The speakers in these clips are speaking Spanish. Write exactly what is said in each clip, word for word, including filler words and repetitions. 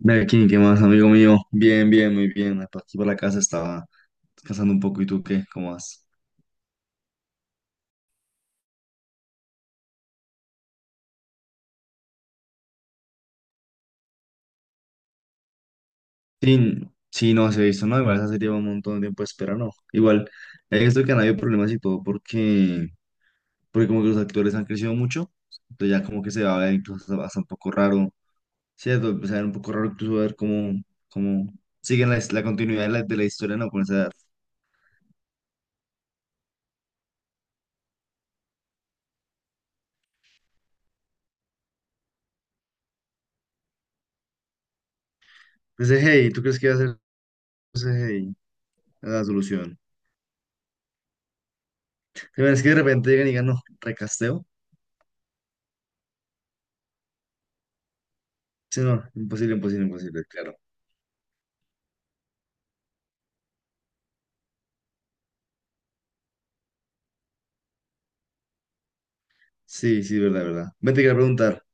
Melkin, ¿qué más, amigo mío? Bien, bien, muy bien. Por Aquí por la casa estaba descansando un poco. ¿Y tú qué? ¿Cómo vas? Sí, sí, no se ha visto, ¿no? Igual esa serie lleva un montón de tiempo de espera, ¿no? Igual, he visto que han habido problemas y todo porque, porque como que los actores han crecido mucho. Entonces ya como que se va a ver incluso hasta, hasta un poco raro. Cierto. Pues, se va a ver un poco raro incluso ver cómo, cómo siguen la, la continuidad de la, de la historia, ¿no? Con esa edad. Ese hey, ¿tú crees que va a ser ese hey? La solución. Pero es que de repente llegan y digan, no, recasteo. Sí, no, imposible, imposible, imposible, claro. Sí, sí, verdad, verdad. Vete, quería preguntar,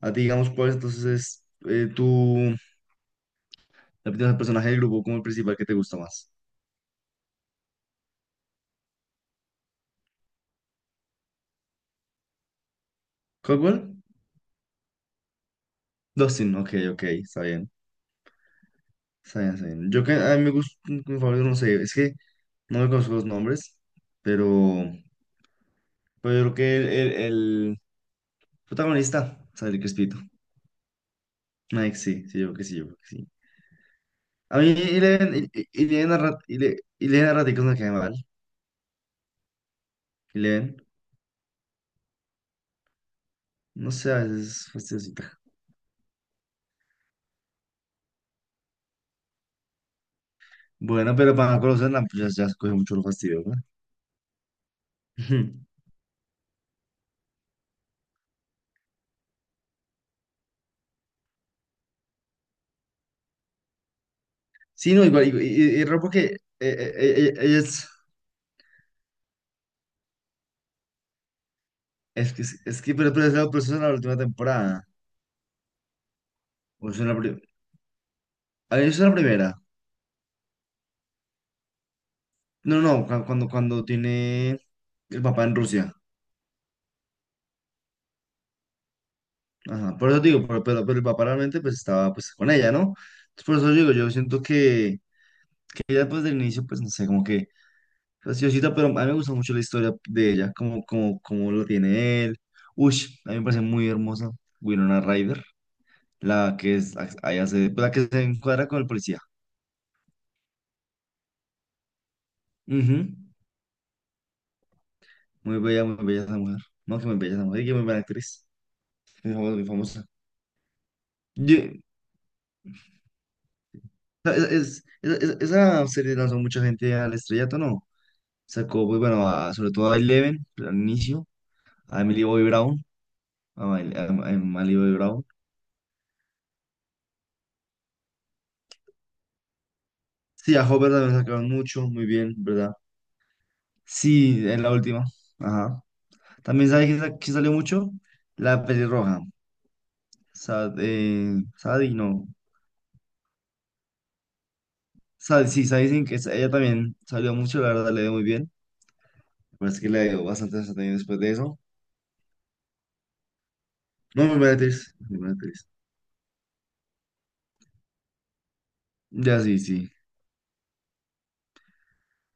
a ti, digamos, ¿cuál entonces es entonces eh, tu la opinión del personaje del grupo como el principal que te gusta más? ¿Cuál, cuál? Dustin, ok, ok, está bien, está bien, está bien. Yo que a mí me gusta, mi favorito, no sé, es que no me conozco los nombres, pero, pero yo creo que el, el, el protagonista, ¿sabes? El Crespito. Mike sí, sí, yo creo que sí, yo creo que sí. A mí, Eleven, Eleven, Eleven, Eleven, Eleven, Eleven, Eleven, Eleven, Eleven, no sé, a veces es fastidiosita. Bueno, pero para no conocer la pues ya, ya se coge mucho lo fastidio, ¿verdad? Ujú. Sí, no, igual, y, y- y raro porque eh, eh, eh, eh, es, es que, es que, pero, pero, esa- pero eso es en la última temporada, o es en la, pri- ah, eso es en la primera, no, no, cu- cuando, cuando tiene el papá en Rusia, ajá, por eso digo, pero, pero, pero el papá realmente, pues, estaba, pues, con ella, ¿no? Entonces, por eso digo, yo siento que, que ella, pues, del inicio, pues, no sé, como que graciosita, pero a mí me gusta mucho la historia de ella, como, como, como lo tiene él. Ush, a mí me parece muy hermosa Winona Ryder, la que es, ahí hace, pues, la que se encuadra con el policía. Ujú. Muy bella, muy bella esa mujer. No, que muy bella esa mujer, y que muy buena actriz. Muy famosa, muy famosa. Yo- es- es- es- esa serie lanzó mucha gente al estrellato, ¿no? Sacó, pues bueno, a- sobre todo a Eleven, al inicio, a Emily Bobby Brown, a, Mal- a- a Emily Bobby Brown. Sí, a Hopper también sacaron mucho, muy bien, ¿verdad? Sí, en la última. Ajá. También sabes que, sa- que salió mucho la pelirroja. Sad, eh, Sadie, no. Sad, sí, Sadie Sink, es- ella también salió mucho, la verdad le dio muy bien. Me parece que le dio bastante desempeño después de eso. No, muy buena actriz. Muy buena actriz. Ya sí, sí.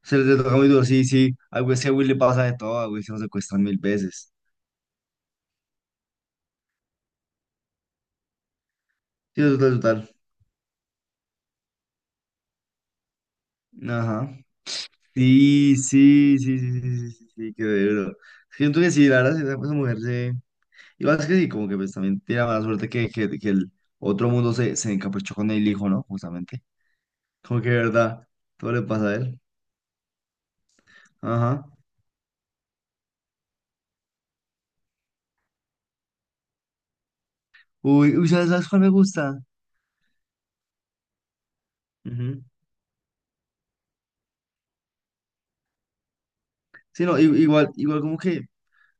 Se le toca muy duro, sí, sí. A Will a Will le pasa de todo, a Will se lo secuestran mil veces. Sí, total, total. Ajá. Sí, sí, sí, sí, sí, sí, sí, sí, qué duro. Siento que sí, la verdad, esa esa mujer se. Y es que sí, como que pues también tiene la mala suerte que, que, que el otro mundo se, se encaprichó con el hijo, ¿no? Justamente. Como que de verdad, todo le pasa a él. Ajá. Uy, uy, ¿sabes, sabes cuál me gusta? Ujú. Sí, no, i- igual, igual como que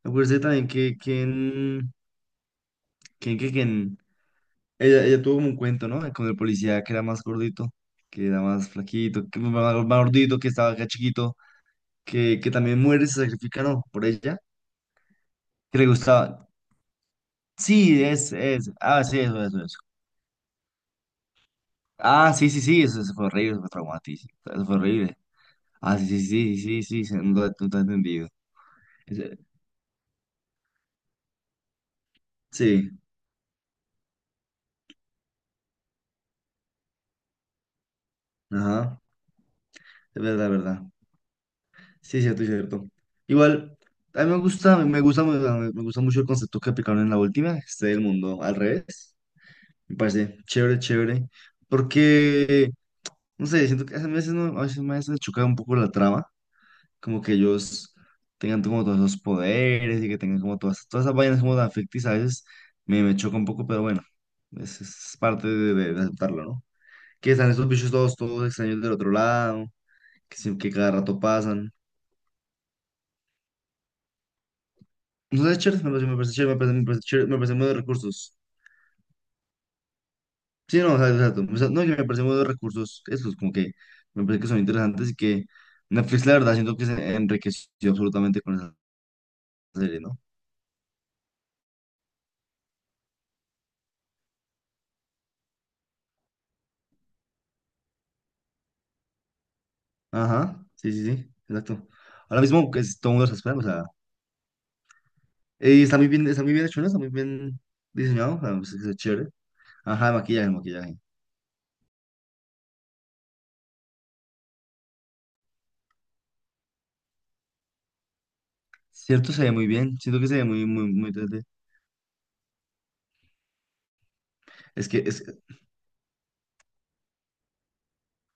me parece también que, que en, que, en- que, que en- ella, ella tuvo como un cuento, ¿no? Con el policía que era más gordito, que era más flaquito, que más, más gordito, que estaba acá chiquito, que, que también muere, y se sacrifica, ¿no? Por ella, que le gustaba. Sí, es, es. Ah, sí, eso, eso, eso. Ah, sí, sí, sí, eso, eso fue horrible, eso fue traumatísimo, eso fue horrible. Ah, sí, sí, sí, sí, sí, sí, no, te- no te he entendido. Ese- Sí, ajá, es verdad, es verdad. Sí, es cierto, es cierto. Igual, a mí me gusta, me gusta, me, me gusta mucho el concepto que aplicaron en la última, este del mundo al revés. Me parece chévere, chévere, porque, no sé, siento que a veces, no, a veces me hace chocar un poco la trama, como que ellos tengan como todos esos poderes y que tengan como todas, todas esas vainas como tan ficticias, a veces me, me choca un poco, pero bueno. Es, es parte de, de- de aceptarlo, ¿no? Que están estos bichos todos, todos extraños del otro lado, que, sí- que cada rato pasan. No sé, es chévere, me parece, me parece chévere, me parece, me parece chévere, me parece muy de recursos. Sí, no, o sea, exacto. O sea, no, que me parece muy de recursos, esos como que me parece que son interesantes y que Netflix, la verdad, siento que se enriqueció absolutamente con esa serie, ¿no? Ajá, sí, sí, sí, exacto. Ahora mismo, que es, todo el mundo está esperando, o sea, eh, está muy bien, está muy bien hecho, ¿no? Está muy bien diseñado, o sea, es, es chévere. Ajá, el maquillaje, el maquillaje. Cierto, se ve muy bien. Siento que se ve muy, muy, muy. desde- Es que es,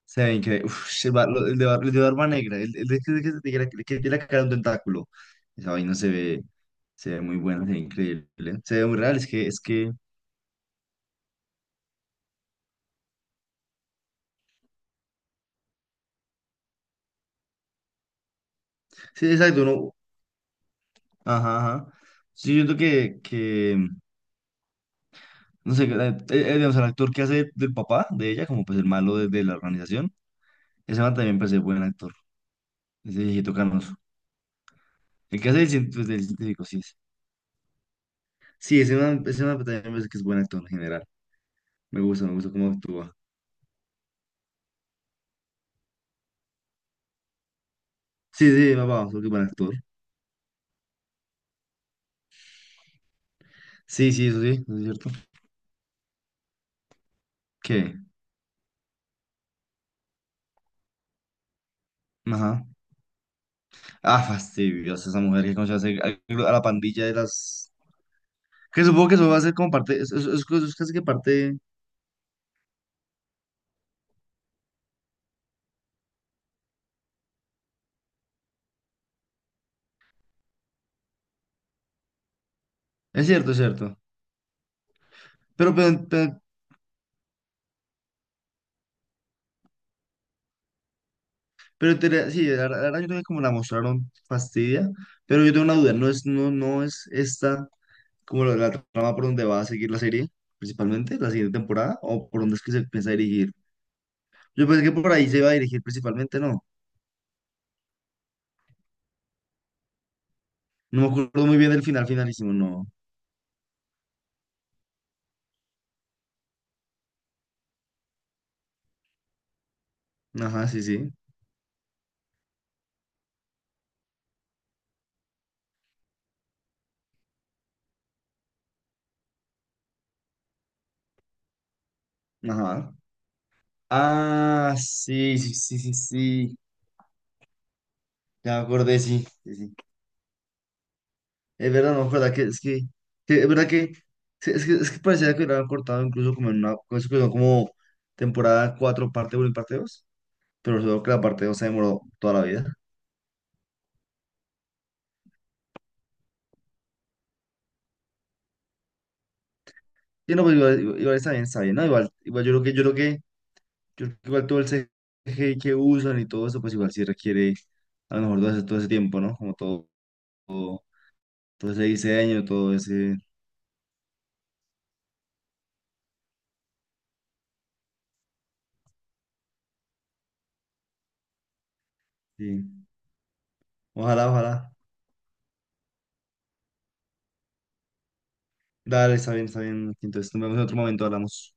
se ve increíble. Uf, el, bar- lo- el de, bar- el de barba negra, el, el de que, que, que tiene la que tiene la cara de un tentáculo. Esa vaina se ve, se ve muy buena, se ve increíble. Se ve muy real. Es que, es que, sí, exacto, uno. Ajá, ajá. Sí, yo siento que, que, no sé, que la- eh, eh, digamos, el actor que hace del papá de ella, como pues el malo de, de la organización, ese man también parece buen actor. Ese viejito canoso. El que hace el, cien- pues, del científico, sí es. Sí, ese man, ese man también me parece que es buen actor en general. Me gusta, me gusta cómo actúa. Sí, sí, papá, porque buen actor. Sí, sí, eso sí, eso es cierto. ¿Qué? Ajá. Ah, fastidiosa esa mujer que conoce hace a a la pandilla de las... Que supongo que eso va a ser como parte... Es, es, es- es casi que parte... Es cierto, es cierto. Pero, pero, pero, pero en teoría- sí, la, la verdad yo creo que como la mostraron fastidia, pero yo tengo una duda, ¿no es, no, no es esta como la, la trama por donde va a seguir la serie, principalmente, la siguiente temporada, o por dónde es que se piensa dirigir? Yo pensé que por ahí se iba a dirigir principalmente, ¿no? No me acuerdo muy bien del final, finalísimo, no. Ajá, sí, sí. Ajá. Ah, sí, sí, sí, sí, sí. Ya me acordé, sí, sí, sí. Es verdad, no me acuerdo que es que, que es verdad que sí, es que, es que parecía que lo habían cortado incluso como en una como eso que son como temporada cuatro parte uno y parte dos pero solo que la parte dos se demoró toda la vida. Y no, pues igual, igual igual está bien, está bien, ¿no? Igual, igual yo creo que, yo creo que, yo creo que igual todo el C G I que usan y todo eso, pues igual sí requiere a lo mejor todo ese, todo ese tiempo, ¿no? Como todo. Entonces el diseño, todo ese. Sí. Ojalá, ojalá. Dale, está bien, está bien. Entonces nos vemos en otro momento, hablamos.